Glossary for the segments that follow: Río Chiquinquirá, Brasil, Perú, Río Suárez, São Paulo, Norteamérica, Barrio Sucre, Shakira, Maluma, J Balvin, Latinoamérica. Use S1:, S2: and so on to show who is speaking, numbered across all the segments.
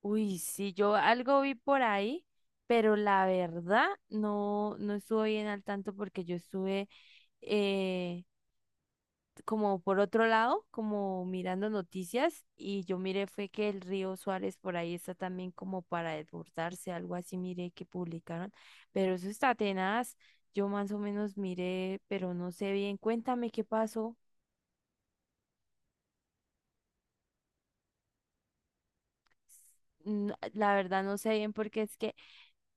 S1: Uy, sí, yo algo vi por ahí, pero la verdad no, no estuve bien al tanto porque yo estuve eh, como por otro lado, como mirando noticias, y yo miré fue que el río Suárez por ahí está también como para desbordarse, algo así miré que publicaron, pero eso está tenaz. Yo más o menos miré, pero no sé bien, cuéntame qué pasó. La verdad no sé bien porque es que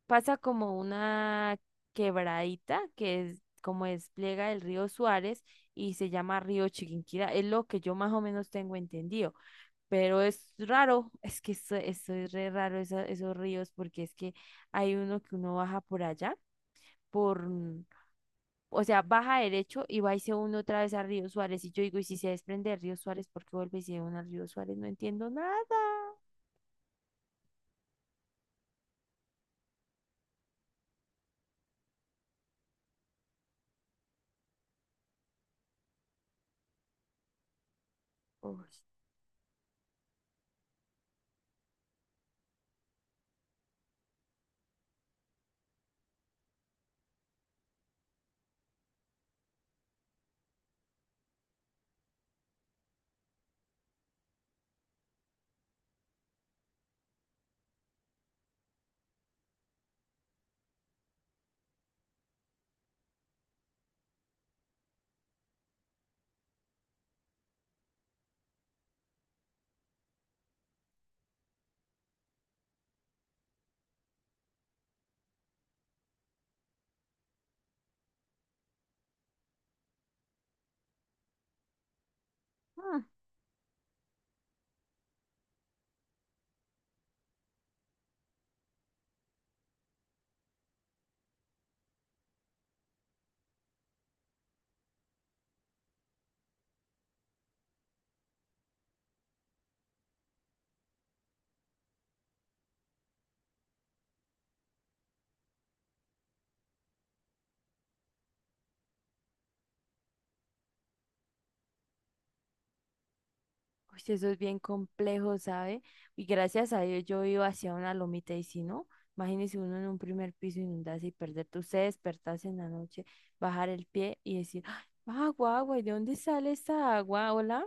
S1: pasa como una quebradita que es como despliega el río Suárez y se llama río Chiquinquirá. Es lo que yo más o menos tengo entendido, pero es raro, es que eso es re raro, esos ríos, porque es que hay uno que uno baja por allá, por... mm, o sea, baja derecho y va y se une otra vez a río Suárez. Y yo digo, y si se desprende de río Suárez, ¿por qué vuelve y se une al río Suárez? No entiendo nada. Uy. Uy, sí, eso es bien complejo, ¿sabe? Y gracias a Dios yo iba hacia una lomita, y si no, imagínese uno en un primer piso inundarse y perderte, usted despertarse en la noche, bajar el pie y decir: "Ay, agua, agua, ¿y de dónde sale esta agua? Hola."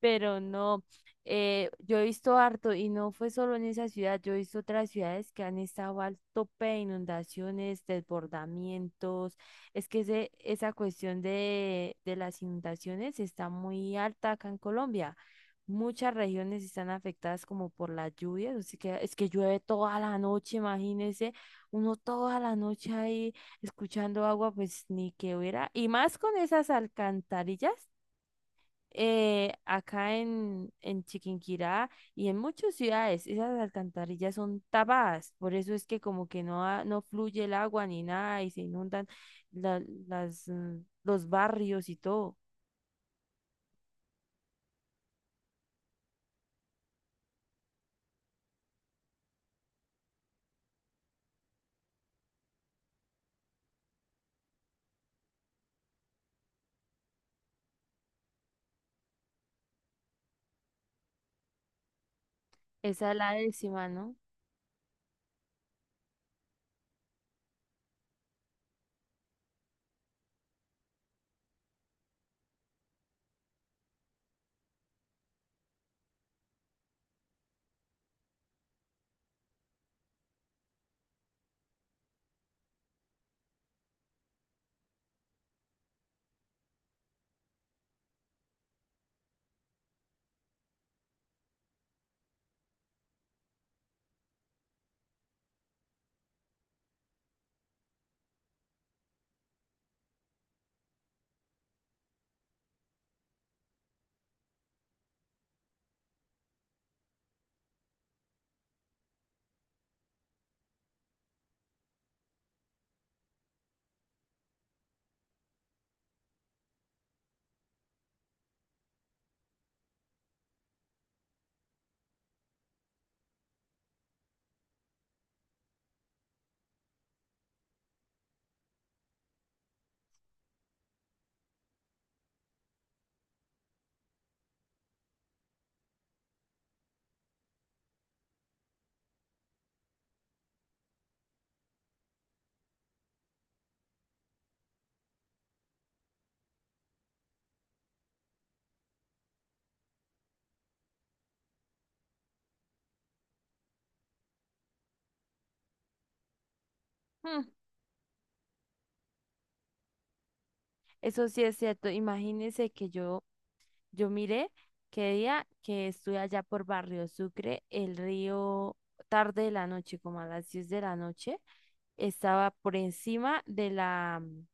S1: Pero no, yo he visto harto y no fue solo en esa ciudad, yo he visto otras ciudades que han estado al tope de inundaciones, desbordamientos. Es que esa cuestión de, las inundaciones está muy alta acá en Colombia. Muchas regiones están afectadas como por las lluvias, así que es que llueve toda la noche, imagínense, uno toda la noche ahí escuchando agua, pues ni que hubiera, y más con esas alcantarillas, acá en Chiquinquirá y en muchas ciudades, esas alcantarillas son tapadas, por eso es que como que no, no fluye el agua ni nada y se inundan la- las, mm, los barrios y todo. Esa es la décima, ¿no? Mm, Eso sí es cierto. Imagínense que yo miré que día que estuve allá por Barrio Sucre, el río tarde de la noche, como a las 10 de la noche, estaba por encima de la, mm,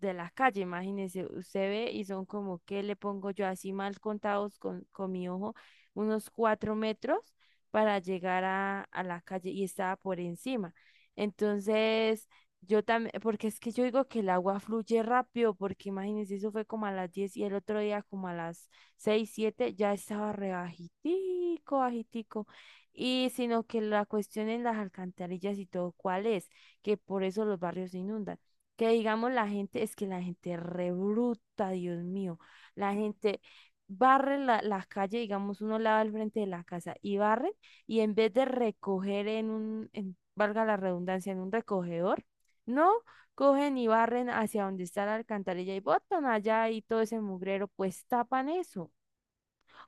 S1: de la calle. Imagínense, usted ve y son como, ¿qué le pongo yo así mal contados con mi ojo? Unos 4 metros para llegar a la calle, y estaba por encima. Entonces, yo también, porque es que yo digo que el agua fluye rápido, porque imagínense, eso fue como a las 10, y el otro día como a las 6 7 ya estaba re bajitico, bajitico. Y sino que la cuestión en las alcantarillas y todo, ¿cuál es? Que por eso los barrios se inundan. Que digamos la gente, es que la gente rebruta, Dios mío, la gente barre la calle, digamos, uno lava al frente de la casa y barre, y en vez de recoger en un, valga la redundancia, en un recogedor, no, cogen y barren hacia donde está la alcantarilla y botan allá, y todo ese mugrero, pues tapan eso.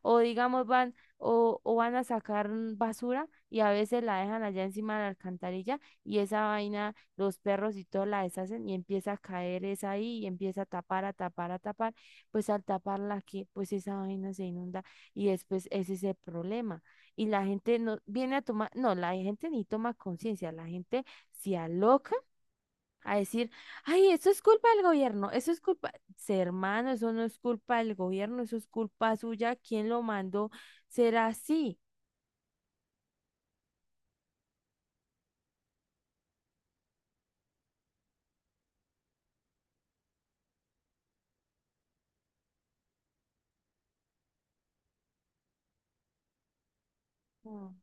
S1: O digamos van o van a sacar basura, y a veces la dejan allá encima de la alcantarilla, y esa vaina, los perros y todo la deshacen y empieza a caer esa ahí y empieza a tapar, a tapar, a tapar. Pues al taparla, que pues esa vaina se inunda, y después ese es el problema. Y la gente no viene a tomar, no, la gente ni toma conciencia, la gente se aloca a decir: "Ay, eso es culpa del gobierno, eso es culpa." "Sí, hermano, eso no es culpa del gobierno, eso es culpa suya, ¿quién lo mandó?" Será así. Mm.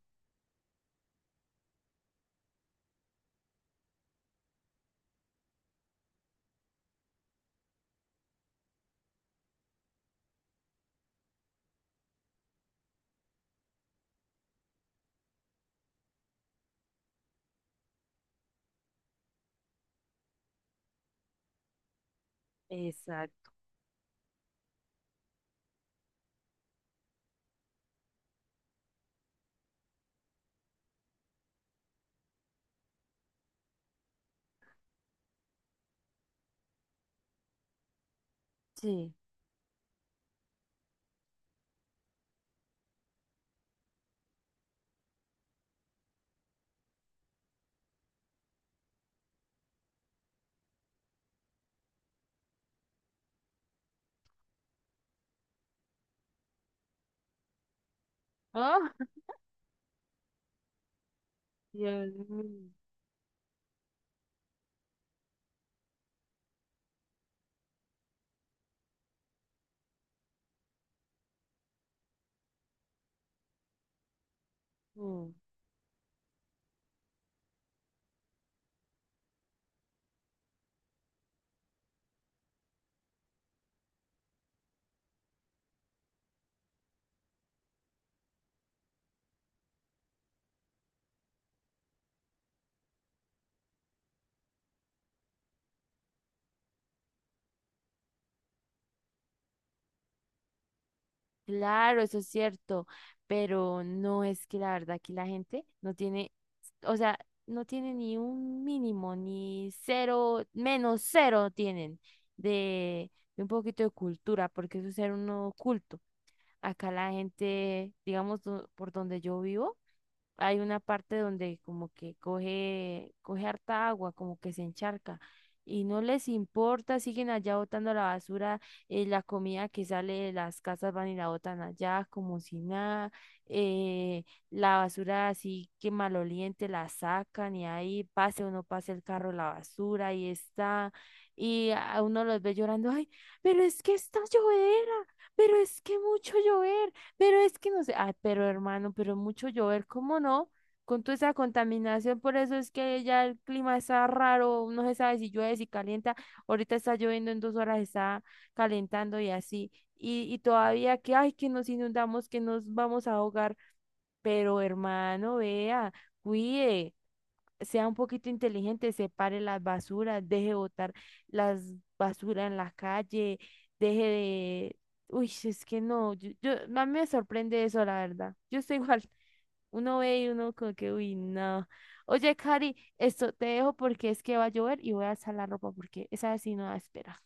S1: Exacto. Sí. Ah, Dios mío. Mm. Claro, eso es cierto, pero no es que la verdad aquí la gente no tiene, o sea, no tiene ni un mínimo, ni cero, menos cero tienen de un poquito de cultura, porque eso es ser uno culto. Acá la gente, digamos, por donde yo vivo, hay una parte donde como que coge, coge harta agua, como que se encharca. Y no les importa, siguen allá botando la basura, la comida que sale de las casas van y la botan allá como si nada, la basura así que maloliente la sacan y ahí pase o no pase el carro la basura, ahí está. Y a uno los ve llorando: "Ay, pero es que está llovedera, pero es que mucho llover, pero es que no sé." Ah, pero hermano, pero mucho llover, ¿cómo no? Con toda esa contaminación, por eso es que ya el clima está raro, no se sabe si llueve, si calienta, ahorita está lloviendo, en 2 horas está calentando y así. Y todavía que ay, que nos inundamos, que nos vamos a ahogar, pero hermano, vea, cuide, sea un poquito inteligente, separe las basuras, deje botar las basuras en la calle, deje de... Uy, es que no, yo, a mí me sorprende eso, la verdad. Yo estoy igual, uno ve y uno como que, uy, no. Oye, Cari, esto te dejo porque es que va a llover y voy a alzar la ropa porque esa sí no da espera.